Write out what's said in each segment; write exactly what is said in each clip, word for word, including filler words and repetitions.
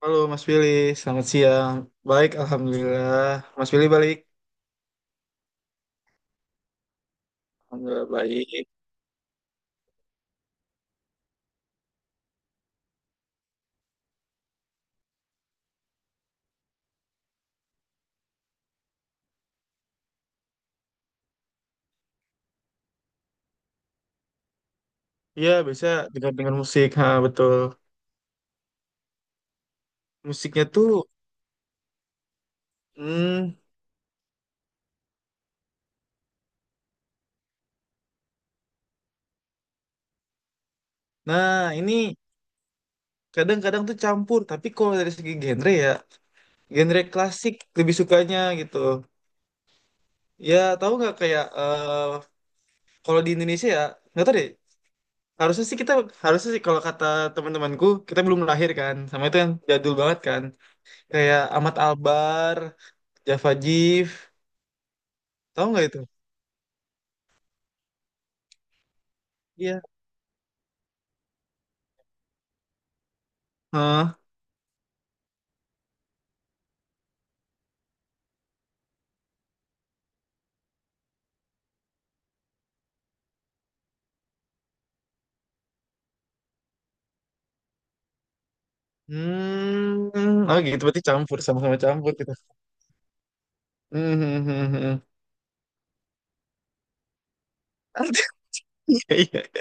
Halo Mas Willy, selamat siang. Baik, Alhamdulillah. Mas Willy balik. Alhamdulillah baik. Iya, bisa dengar-dengar musik. Ha, betul. Musiknya tuh, hmm, nah ini kadang-kadang tuh campur. Tapi kalau dari segi genre ya, genre klasik lebih sukanya gitu. Ya, tahu nggak kayak eh, kalau di Indonesia ya, nggak tahu deh. Harusnya sih kita, harusnya sih kalau kata teman-temanku, kita belum lahir kan. Sama itu yang jadul banget kan. Kayak Ahmad Albar, Java Jive. Tahu nggak itu? Iya. Ah, hmm, oh gitu berarti campur sama-sama campur gitu. Hmm, hmm, hmm, hmm. Iya, iya.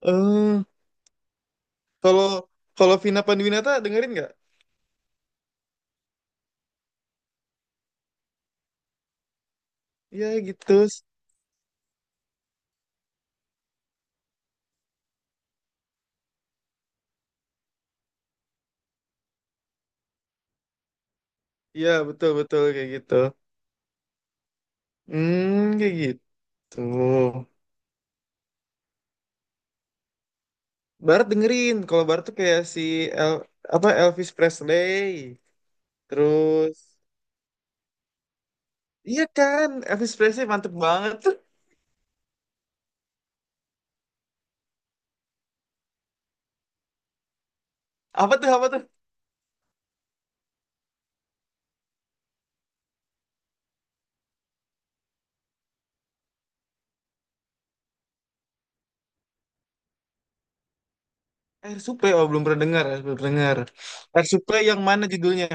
Eh, kalau kalau Vina Panduwinata dengerin nggak? Iya gitu. Iya betul betul kayak gitu. Hmm, kayak gitu. Barat dengerin. Kalau Barat tuh kayak si El, apa Elvis Presley. Terus, iya kan, Elvis Presley mantep banget tuh. Apa tuh apa tuh? Air Supply, oh belum pernah dengar, belum pernah dengar. Air Supply yang mana judulnya?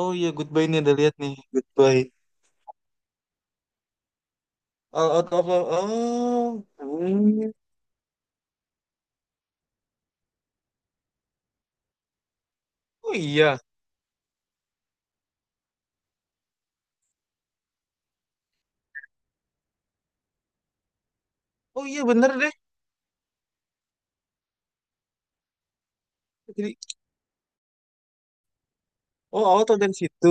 Oh iya, Goodbye ini ada lihat nih, Goodbye. All out of love. Oh, hmm. Oh iya, oh iya bener deh. Jadi, oh awal tau dari situ.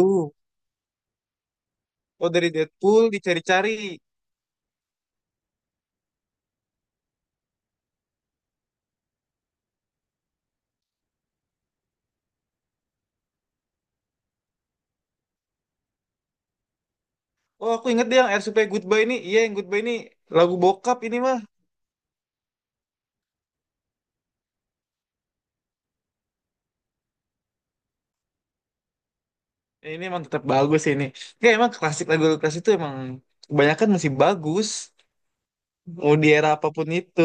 Oh dari Deadpool dicari-cari. Oh aku inget deh yang Air Supply Goodbye ini. Iya yang Goodbye ini lagu bokap ini mah. Ya, Ini emang tetap bagus sih ini. Ya emang klasik lagu klasik itu emang kebanyakan masih bagus. Mau di era apapun itu.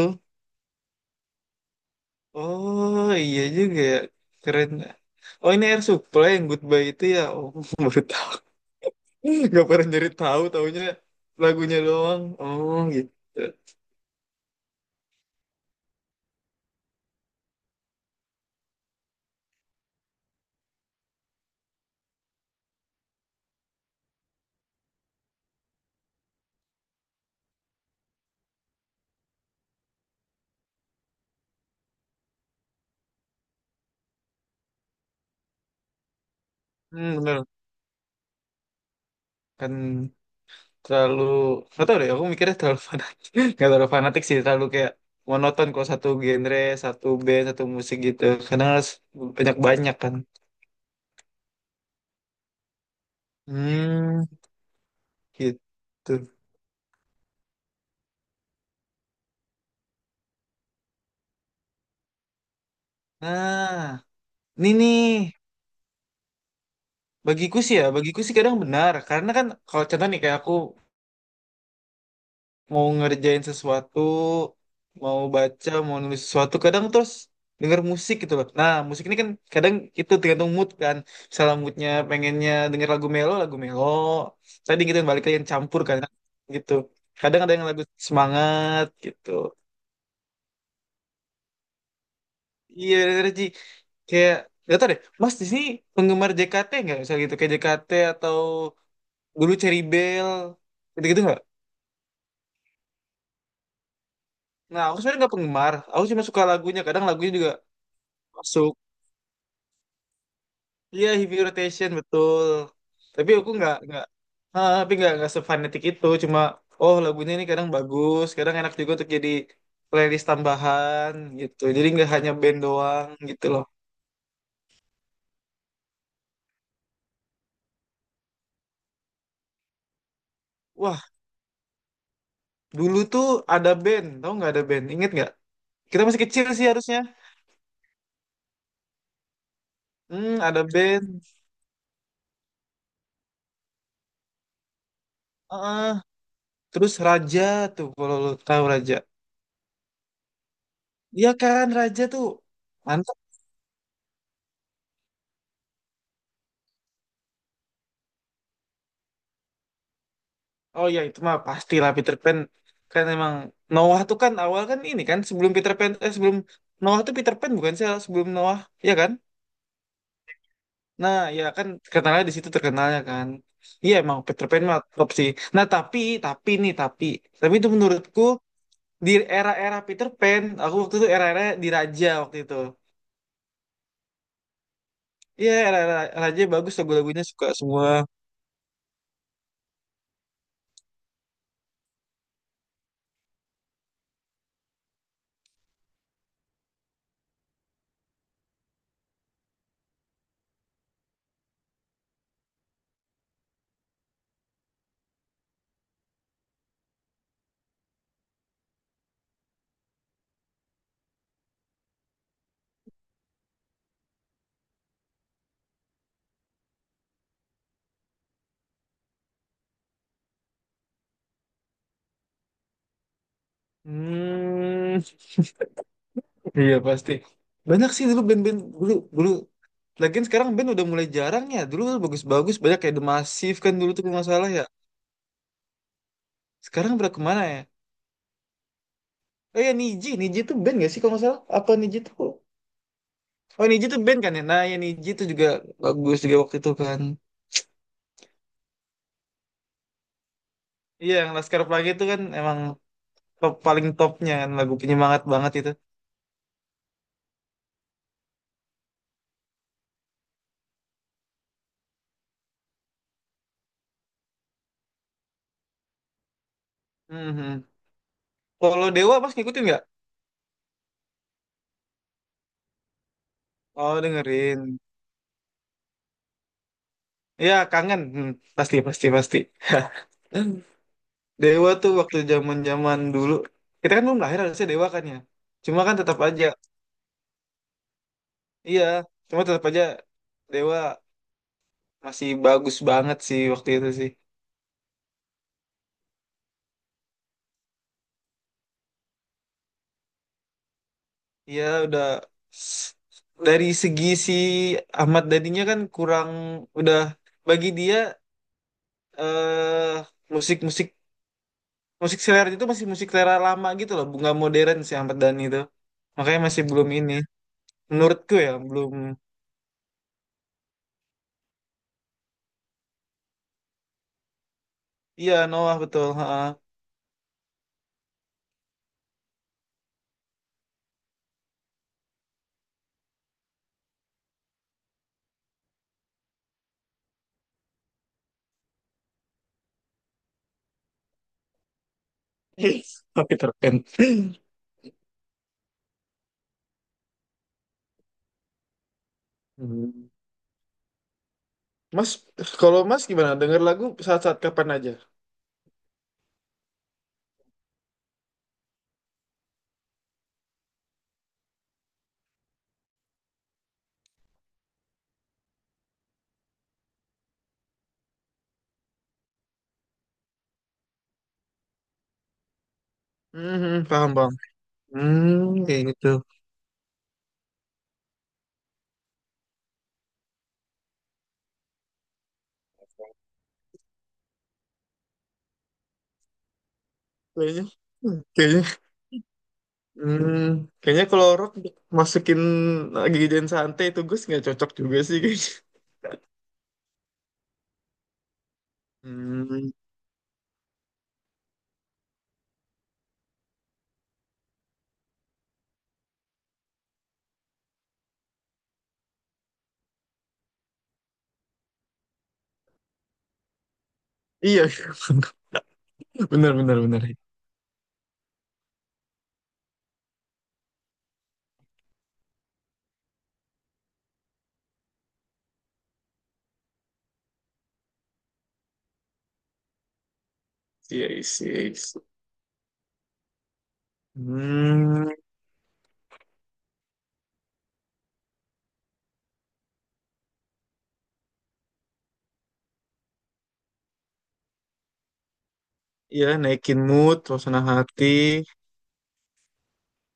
Oh iya juga ya. Keren. Oh ini Air Supply yang Goodbye itu ya. Oh baru tahu. Gak pernah nyari tahu taunya lagunya doang. Oh gitu. Hmm, bener. Kan terlalu nggak tahu deh. Aku mikirnya terlalu fanatik. Gak terlalu fanatik sih. Terlalu kayak monoton kalau satu genre, satu band, satu musik gitu. Karena harus banyak-banyak kan. Hmm, gitu. Nah, ini nih. Bagiku sih ya, bagiku sih kadang benar. Karena kan kalau contoh nih kayak aku mau ngerjain sesuatu, mau baca, mau nulis sesuatu, kadang terus denger musik gitu loh. Nah, musik ini kan kadang itu tergantung mood kan. Misalnya moodnya pengennya denger lagu melo, lagu melo. Tadi gitu yang balik lagi yang campur kan gitu. Kadang ada yang lagu semangat gitu. Iya, bener Ji. Kayak gak tau deh, Mas di sini penggemar J K T nggak? Misalnya gitu, kayak J K T atau dulu Cherry Bell, gitu-gitu nggak? Nah, aku sebenarnya nggak penggemar. Aku cuma suka lagunya. Kadang lagunya juga masuk. Iya, heavy rotation betul. Tapi aku nggak nggak, ah, tapi nggak nggak sefanatik itu. Cuma, oh lagunya ini kadang bagus, kadang enak juga untuk jadi playlist tambahan gitu. Jadi nggak hanya band doang gitu loh. Wah, dulu tuh ada band, tau nggak ada band? Ingat nggak? Kita masih kecil sih harusnya. Hmm, ada band. Ah, terus Raja tuh, kalau lo tahu Raja. Iya kan, Raja tuh. Oh ya itu mah pastilah Peter Pan kan emang Noah tuh kan awal kan ini kan sebelum Peter Pan eh sebelum Noah tuh Peter Pan bukan sih sebelum Noah ya kan? Nah ya kan terkenalnya di situ terkenalnya kan. Iya emang Peter Pan mah top sih. Nah tapi tapi nih tapi tapi itu menurutku di era-era Peter Pan aku waktu itu era-era di Raja waktu itu. Iya era-era Raja bagus lagu-lagunya suka semua. Hmm. Iya pasti. Banyak sih dulu band-band dulu dulu. Lagian sekarang band udah mulai jarang ya. Dulu bagus-bagus banyak kayak The Massive kan dulu tuh kalau nggak salah ya. Sekarang udah kemana ya? Oh ya Niji, Niji tuh band gak sih kalau nggak salah? Apa Niji tuh? Oh Niji tuh band kan ya. Nah ya Niji tuh juga bagus juga waktu itu kan. Iya yang Laskar Pelangi itu kan emang top paling topnya kan lagu penyemangat banget itu. Mhm. Kalau Dewa mas ngikutin nggak? Oh dengerin. Ya kangen. Hmm, pasti pasti pasti. Dewa tuh waktu zaman zaman dulu kita kan belum lahir harusnya Dewa kan ya cuma kan tetap aja iya cuma tetap aja Dewa masih bagus banget sih waktu itu sih iya udah s- dari segi si Ahmad Dhaninya kan kurang udah bagi dia eh musik-musik musik selera itu masih musik selera lama gitu loh bunga modern si Ahmad Dhani itu makanya masih belum ini menurutku ya belum iya Noah betul ha. Oke, terpen. Hmm. Mas, kalau Mas gimana? Dengar lagu saat-saat kapan aja? Hmm, paham, bang. Hmm, kayak gitu. Kayaknya, hmm, kayaknya, hmm, kayaknya kalau rock masukin lagi dan santai itu Gus nggak cocok juga sih kayaknya. Hmm, iya, benar, benar, benar. Iya, iya, iya. Hmm, iya, naikin mood, suasana hati,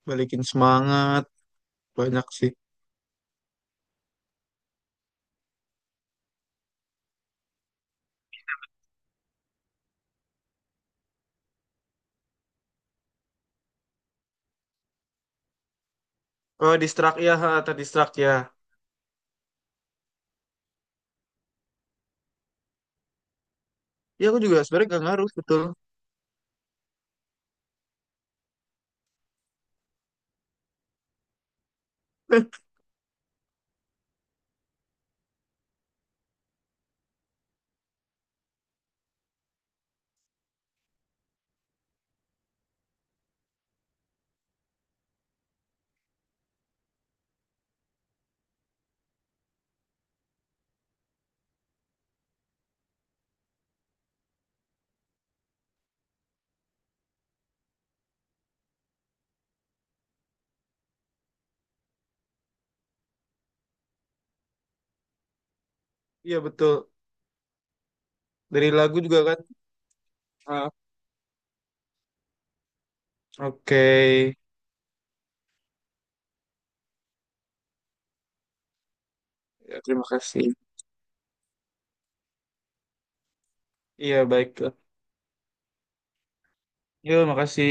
balikin semangat, banyak sih. Oh, distract ya, ha, tadi distract ya. Iya, aku juga sebenarnya gak ngaruh, betul. Iya betul. Dari lagu juga kan. Ah, oke. Ya, terima kasih. Iya baik. Yuk, makasih.